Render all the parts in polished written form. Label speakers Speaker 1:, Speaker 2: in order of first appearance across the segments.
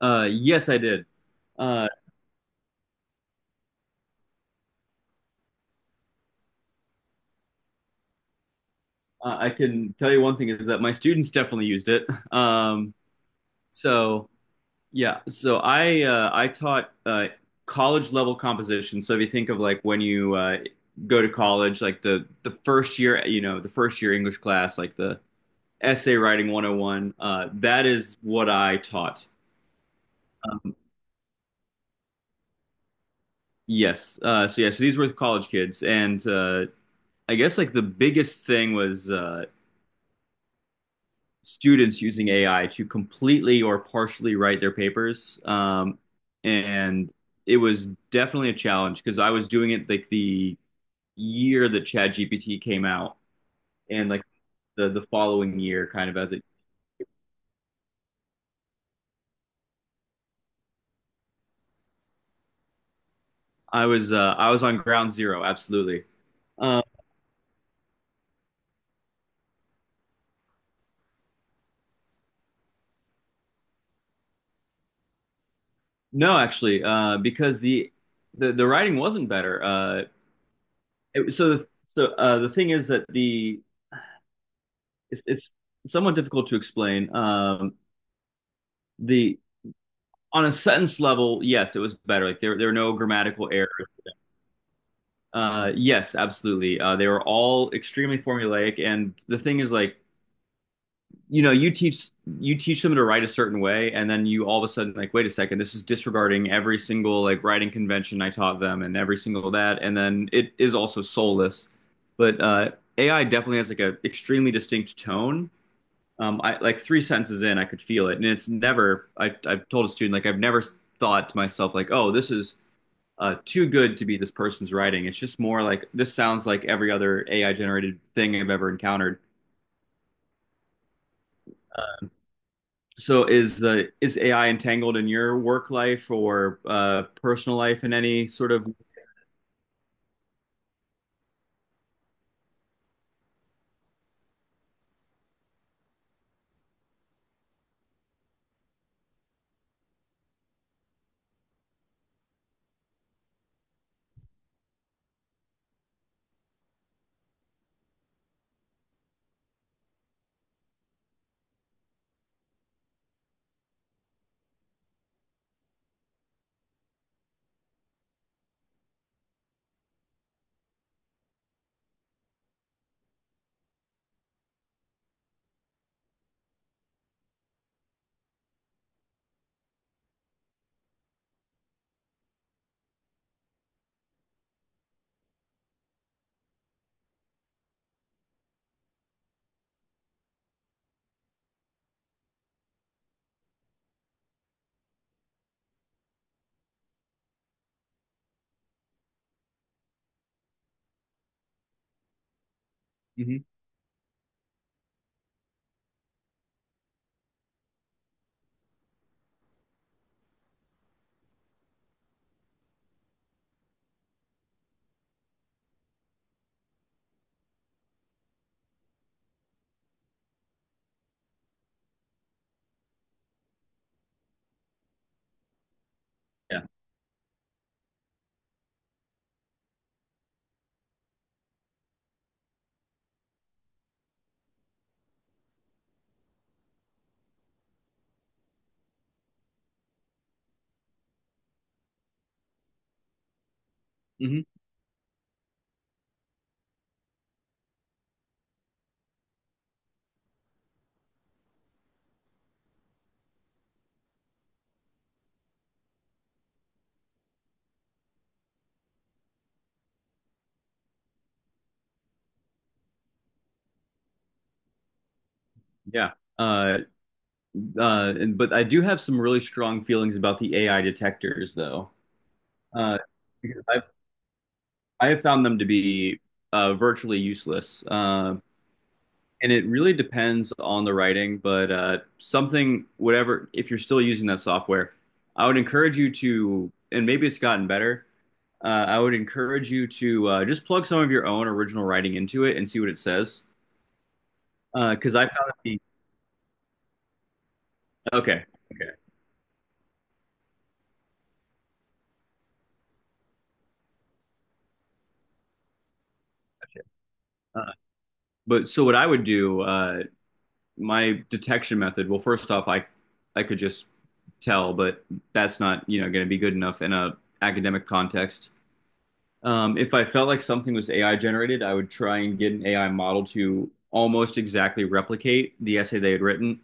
Speaker 1: Yes, I did. Uh, I can tell you one thing is that my students definitely used it. Um, so I taught college level composition. So if you think of like when you go to college, like the first year, the first year English class, like the essay writing 101, that is what I taught. Um, yes. So these were college kids, and I guess like the biggest thing was. Students using AI to completely or partially write their papers. And it was definitely a challenge because I was doing it like the year that ChatGPT came out and like the following year kind of as it I was on ground zero absolutely. Uh, no actually because the writing wasn't better. It, so the so The thing is that it's somewhat difficult to explain. The On a sentence level, yes, it was better. Like there were no grammatical errors. Yes, absolutely. They were all extremely formulaic, and the thing is, like, you know, you teach them to write a certain way, and then you all of a sudden like, wait a second, this is disregarding every single like writing convention I taught them, and every single that, and then it is also soulless. But AI definitely has like a extremely distinct tone. I like three sentences in, I could feel it, and it's never. I've told a student like I've never thought to myself like, oh, this is too good to be this person's writing. It's just more like this sounds like every other AI generated thing I've ever encountered. So is AI entangled in your work life or personal life in any sort of? Mhm. Yeah, hmm, yeah. Uh, but I do have some really strong feelings about the AI detectors, though. Uh, because I've I have found them to be virtually useless. And it really depends on the writing, but something, whatever, if you're still using that software, I would encourage you to, and maybe it's gotten better, I would encourage you to just plug some of your own original writing into it and see what it says. Because I found the, okay, okay. Uh, but so what I would do, my detection method, well, first off, I could just tell, but that's not, you know, going to be good enough in a academic context. If I felt like something was AI generated, I would try and get an AI model to almost exactly replicate the essay they had written.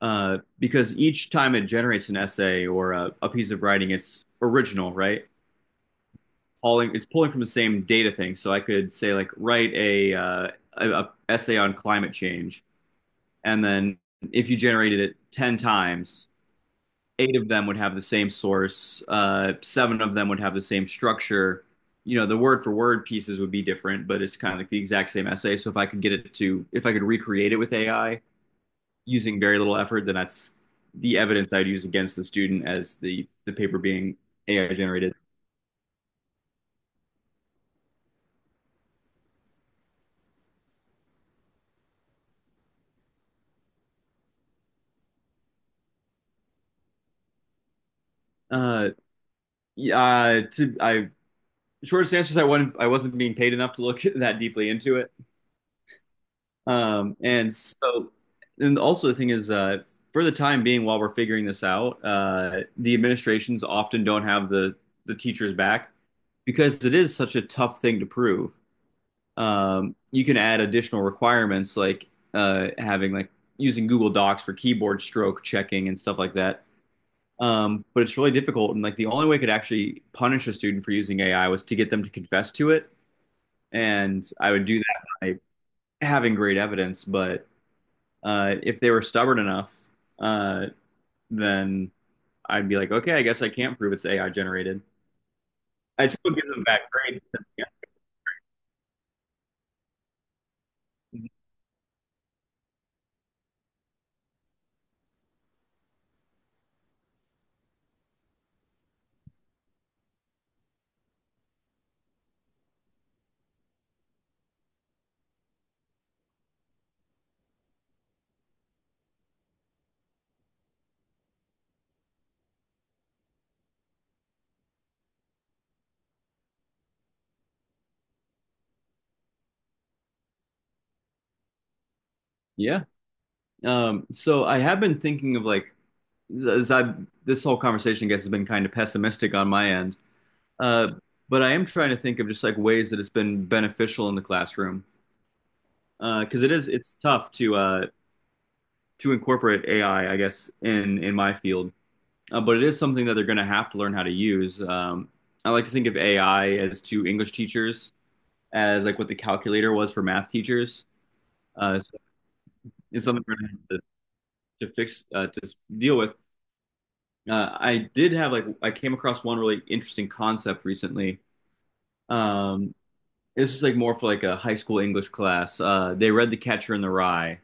Speaker 1: Because each time it generates an essay or a piece of writing, it's original, right? Pulling, it's pulling from the same data thing. So I could say like write a essay on climate change, and then if you generated it 10 times, 8 of them would have the same source, 7 of them would have the same structure. You know, the word for word pieces would be different, but it's kind of like the exact same essay. So if I could get it to, if I could recreate it with AI using very little effort, then that's the evidence I'd use against the student as the paper being AI generated. Uh, yeah, to I shortest answer is I wasn't being paid enough to look that deeply into it. And so, and Also the thing is, for the time being, while we're figuring this out, the administrations often don't have the teachers back because it is such a tough thing to prove. You can add additional requirements like having like using Google Docs for keyboard stroke checking and stuff like that. But it's really difficult, and like the only way I could actually punish a student for using AI was to get them to confess to it, and I would do that by having great evidence, but if they were stubborn enough, uh, then I'd be like, okay, I guess I can't prove it's AI generated. I'd still give them back grade. Yeah. Yeah. So I have been thinking of like, as I this whole conversation, I guess, has been kind of pessimistic on my end. Uh, but I am trying to think of just like ways that it's been beneficial in the classroom because it's tough to incorporate AI, I guess, in my field. But it is something that they're going to have to learn how to use. I like to think of AI as to English teachers as like what the calculator was for math teachers. So it's something we're going to have to fix deal with. I did have like I came across one really interesting concept recently. Um, this is like more for like a high school English class. They read The Catcher in the Rye,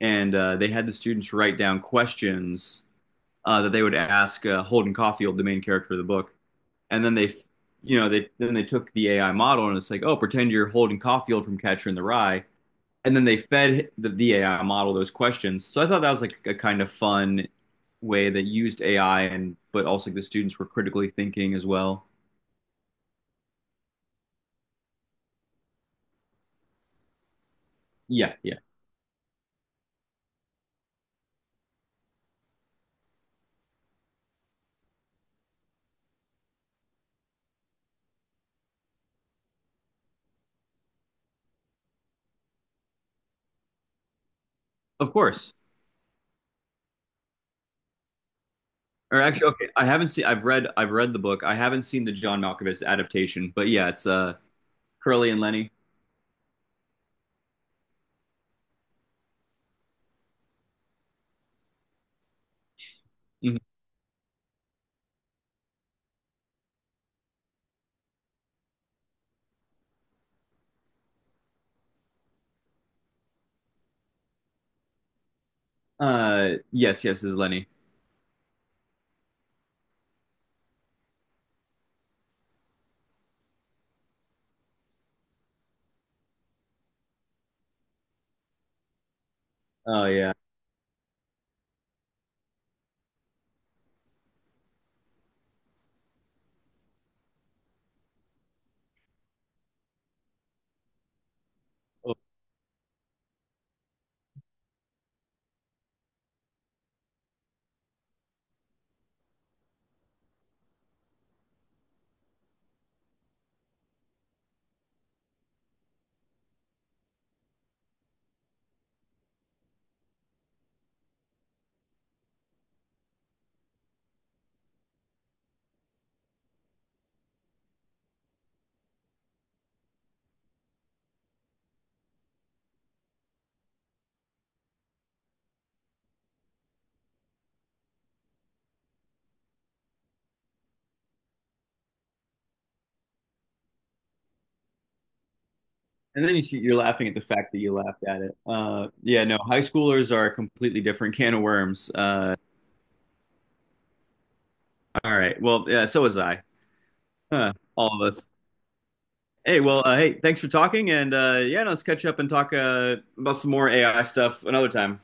Speaker 1: and they had the students write down questions that they would ask Holden Caulfield, the main character of the book, and then they you know they then they took the AI model and it's like, oh, pretend you're Holden Caulfield from Catcher in the Rye, and then they fed the AI model those questions. So I thought that was like a kind of fun way that used AI, and but also the students were critically thinking as well. Yeah, yeah, of course. Or actually, okay, I haven't seen. I've read the book. I haven't seen the John Malkovich adaptation, but yeah, it's uh, Curly and Lenny. Mhm. Yes, is Lenny. Oh yeah. Oh. And then you, see- you're laughing at the fact that you laughed at it. Yeah, no, high schoolers are a completely different can of worms. All right. Well, yeah, so was I. Huh, all of us. Hey, well, hey, thanks for talking. And yeah, no, let's catch up and talk about some more AI stuff another time.